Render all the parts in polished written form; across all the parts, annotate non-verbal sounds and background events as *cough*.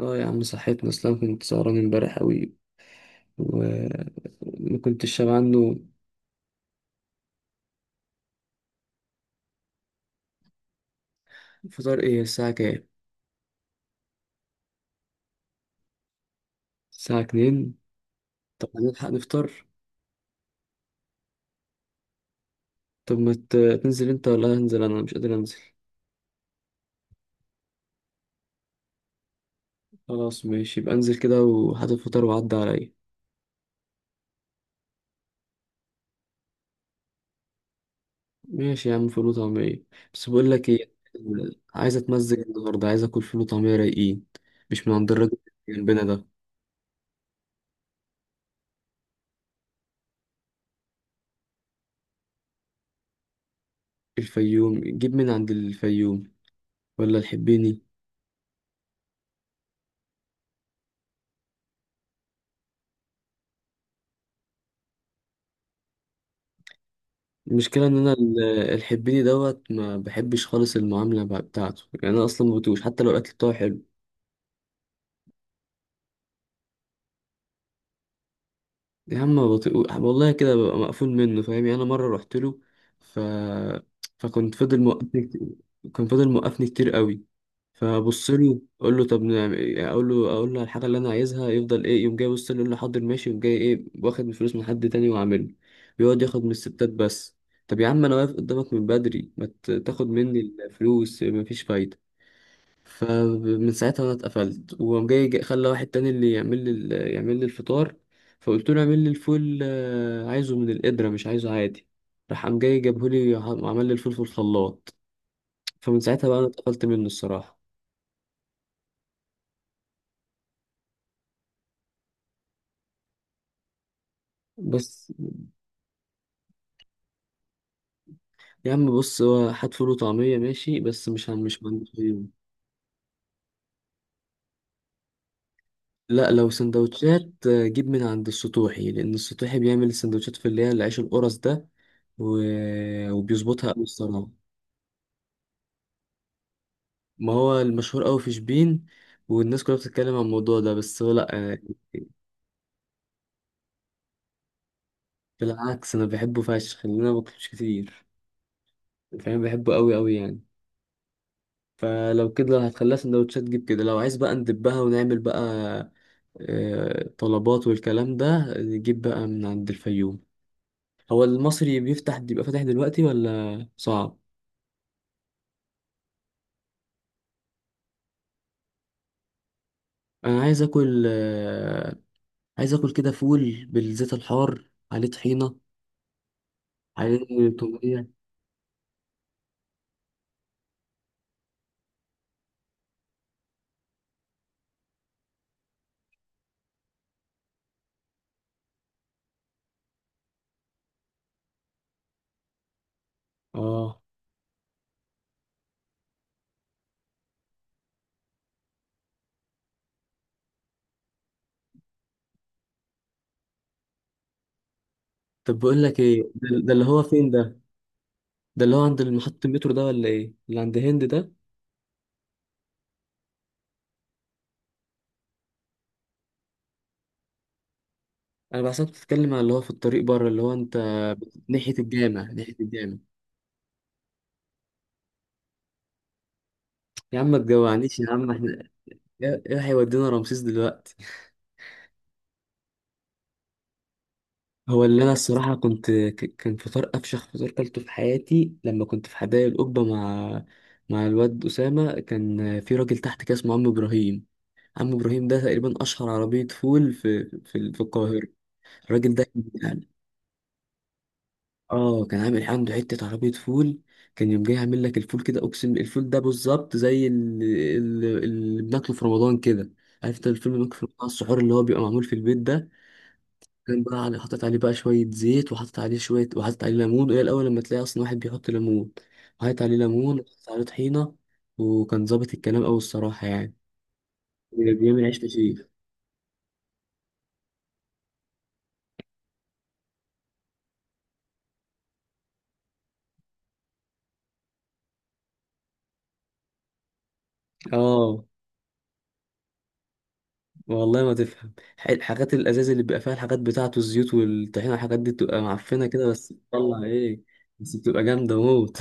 اه يا عم، صحيتني. اصلا كنت سهران امبارح قوي وما كنتش شبع عنه. فطار ايه؟ الساعة كام؟ الساعة اتنين؟ طب هنلحق نفطر؟ طب ما تنزل انت ولا هنزل؟ انا مش قادر انزل. خلاص، ماشي، يبقى انزل كده وهات الفطار وعدي عليا. ماشي يا عم، فول وطعمية. بس بقول لك ايه، عايز اتمزج النهارده، عايز اكل فول وطعمية رايقين، مش من عند الراجل اللي جنبنا ده. الفيوم، جيب من عند الفيوم ولا الحبيني؟ المشكلة إن أنا الحبيني دوت ما بحبش خالص، المعاملة بتاعته يعني. أنا أصلا ما بطيقوش حتى لو الأكل بتاعه حلو. يا عم، ما بطيقوش والله، كده ببقى مقفول منه، فاهم يعني. أنا مرة رحت له، ف... فكنت فضل موقفني كتير. كان فضل موقفني كتير قوي. فبص له أقول له طب نعمل إيه؟ أقول له على الحاجة اللي أنا عايزها يفضل إيه، يقوم جاي يبص لي يقول لي حاضر ماشي، يقوم جاي إيه؟ واخد من فلوس من حد تاني وعامله. بيقعد ياخد من الستات بس. طب يا عم، أنا واقف قدامك من بدري، ما تاخد مني الفلوس، مفيش فايدة. فمن ساعتها انا اتقفلت، وقام جاي خلى واحد تاني اللي يعمل لي يعمل لي الفطار. فقلت له اعمل لي الفول، عايزه من القدرة مش عايزه عادي. راح قام جاي جابه لي وعمل لي الفول في الخلاط. فمن ساعتها بقى انا اتقفلت منه الصراحة. بس يا عم، بص هو هات فول وطعمية ماشي، بس مش عند يوم. لا، لو سندوتشات جيب من عند السطوحي، لأن السطوحي بيعمل السندوتشات في اللي هي العيش القرص ده. و... وبيظبطها أوي الصراحة. ما هو المشهور قوي في شبين، والناس كلها بتتكلم عن الموضوع ده، بس هو لا بالعكس، انا بحبه فشخ لان انا باكلش كتير، فاهم، بحبه قوي قوي يعني. فلو كده، لو هتخليها سندوتشات جيب كده. لو عايز بقى ندبها ونعمل بقى طلبات والكلام ده، نجيب بقى من عند الفيوم. هو المصري بيفتح، بيبقى فاتح دلوقتي ولا صعب؟ انا عايز اكل عايز اكل كده فول بالزيت الحار عليه طحينة، عليه تومية. اه. طب بقول لك ايه، ده اللي هو فين ده؟ ده اللي هو عند محطة المترو ده ولا ايه، اللي عند هند ده؟ انا بحسبك بتتكلم على اللي هو في الطريق بره، اللي هو انت. ناحية الجامع، ناحية الجامع. يا عم، ما تجوعنيش يا عم. احنا إيه هيودينا رمسيس دلوقتي. هو اللي انا الصراحة كنت كان فطار افشخ فطار كلته في حياتي لما كنت في حدائق القبة مع الواد أسامة. كان في راجل تحت كده اسمه عم إبراهيم. عم إبراهيم ده تقريبا أشهر عربية فول في القاهرة. الراجل ده، اه كان عامل عنده حتة عربية فول. كان يوم جاي عامل لك الفول كده، اقسم الفول ده بالظبط زي اللي بناكله في رمضان كده. عارف انت الفيلم اللي بناكله في رمضان، السحور اللي هو بيبقى معمول في البيت ده. كان بقى على حاطط عليه بقى شوية زيت، وحاطط عليه شوية، وحاطط عليه ليمون، وهي الأول لما تلاقي أصلا واحد بيحط ليمون، وحاطط عليه ليمون، وحاطط عليه طحينة، وكان ظابط الكلام أوي الصراحة يعني. بيعمل عيش فشيخ. اه والله ما تفهم، الحاجات الازاز اللي بيبقى فيها الحاجات بتاعته، الزيوت والطحينه والحاجات دي بتبقى معفنه كده، بس بتطلع ايه، بس بتبقى جامده موت.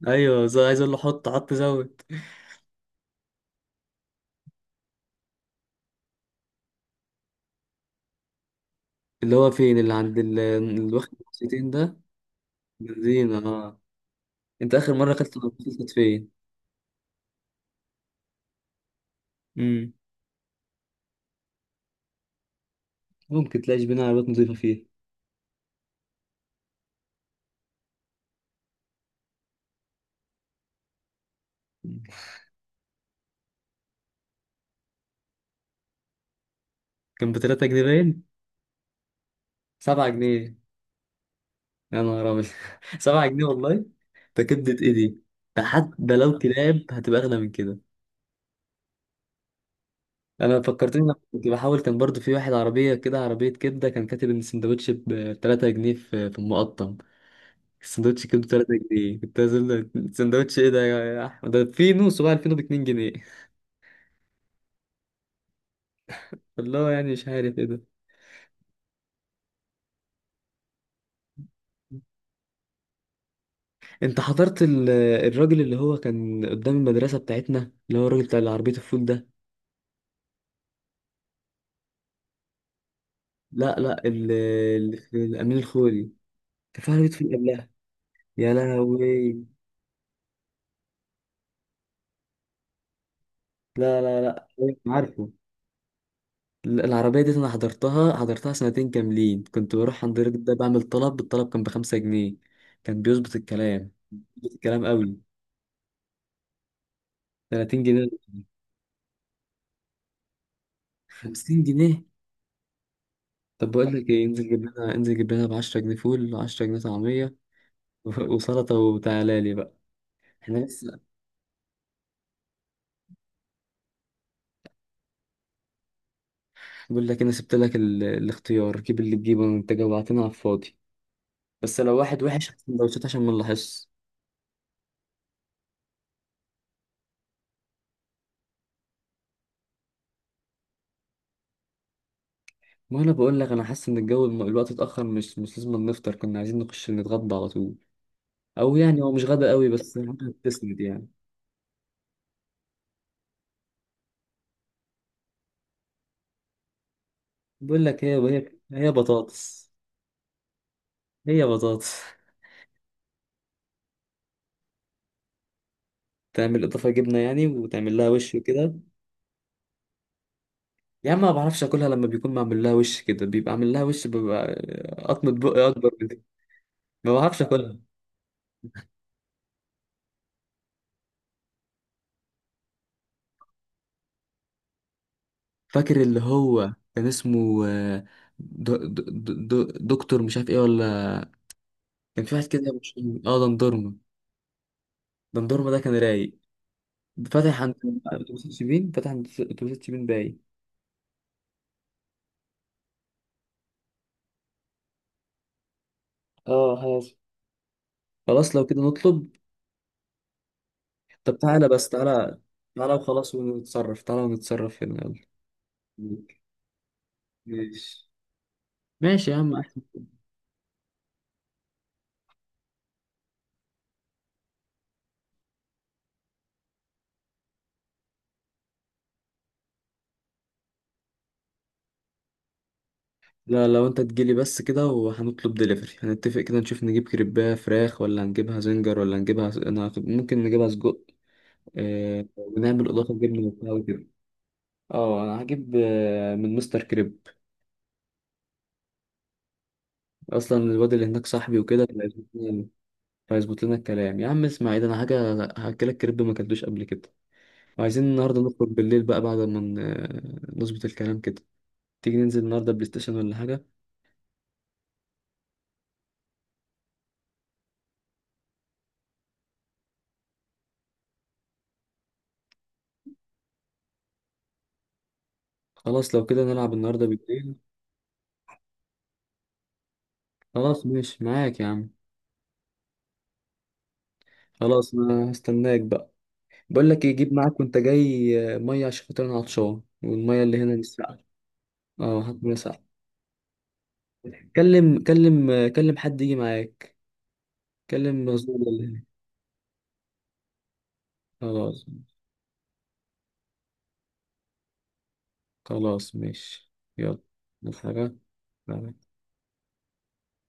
*laughs* ايوه، عايز اقول له حط حط زود. اللي هو فين اللي عند اللي واخد بوكسيتين ده؟ بنزين اه. انت اخر مره اكلت بطاطس كانت فين؟ امم. ممكن تلاقيش بينا عربيات نضيفه فيها؟ كان ب 3 جنيه باين. 7 جنيه؟ يا نهار ابيض. *laughs* 7 جنيه والله. ده كبده ايه دي؟ ده حتى لو كلاب هتبقى اغلى من كده. انا فكرتني لما كنت بحاول، كان برضو في واحد عربيه كده، عربيه كبده، كان كاتب ان السندوتش ب 3 جنيه في المقطم. السندوتش كبده 3 جنيه كنت عايز. السندوتش ايه ده يا احمد؟ ده في نص بقى الفينو ب 2 جنيه. *laughs* والله يعني مش عارف ايه ده. انت حضرت الراجل اللي هو كان قدام المدرسه بتاعتنا، اللي هو الراجل بتاع عربيه الفول ده؟ لا لا، اللي في الامين الخولي، كان في عربيه فول قبلها. يا لهوي، لا لا لا، أيوة، عارفه. العربية دي أنا حضرتها سنتين كاملين، كنت بروح عند الراجل ده بعمل طلب. الطلب كان ب5 جنيه، كان بيظبط الكلام، بيظبط الكلام قوي. 30 جنيه؟ 50 جنيه؟ طب بقول لك ايه، انزل جيب لنا، انزل جيب لنا ب 10 جنيه فول و10 جنيه طعمية. *laughs* وسلطة وتعالى لي بقى. احنا لسه. بقول لك انا سبت لك الاختيار، جيب اللي تجيبه، انت جوعتنا على الفاضي. بس لو واحد وحش هات سندوتشات عشان ما نلاحظش. ما انا بقول لك، انا حاسس ان الجو الوقت اتاخر، مش لازم نفطر، كنا عايزين نخش نتغدى على طول. او يعني هو مش غدا قوي بس بتسند يعني. بقول لك هي بطاطس. هي بطاطس. تعمل اضافه جبنه يعني وتعمل لها وش وكده؟ يا عم، ما بعرفش اكلها لما بيكون معمول لها وش كده، بيبقى عامل لها وش، ببقى قطمه بقي اكبر من دي. ما بعرفش اكلها. فاكر اللي هو كان اسمه دو دو دو دكتور مش عارف ايه ولا، كان في واحد كده مش. اه، دندورما. دندورما ده كان رايق، فاتح عند اتوبيسات شيبين، فاتح عند اتوبيسات شيبين باي. اه خلاص. خلاص لو كده نطلب. طب تعالى بس، تعالى. تعالى وخلاص ونتصرف، تعالى ونتصرف هنا. يلا. ماشي. ماشي يا عم، احسن. لا، لو انت تجيلي بس كده وهنطلب دليفري، هنتفق كده، نشوف نجيب كريباه فراخ ولا هنجيبها زنجر ولا انا ممكن نجيبها سجق، اه... ونعمل اضافه جبنه وبتاع وكده. اه، انا هجيب من مستر كريب. اصلا الواد اللي هناك صاحبي وكده، فهيظبط لنا، فهيظبط لنا الكلام. يا عم، اسمع ايه ده انا حاجه، هاكلك كريب ما اكلتوش قبل كده. وعايزين النهارده نخرج بالليل بقى بعد ما نظبط الكلام كده. تيجي ننزل النهارده بلاي ستيشن ولا حاجة؟ خلاص لو كده نلعب النهارده بالليل. خلاص ماشي معاك يا عم. خلاص، انا هستناك بقى. بقول لك ايه، جيب معاك وانت جاي مية عشان خاطر انا عطشان، والمية اللي هنا نسقع. اه، هات ساعة. كلم حد يجي معاك، كلم مزدور اللي هنا. خلاص. خلاص ماشي. يلا. نفس حاجة.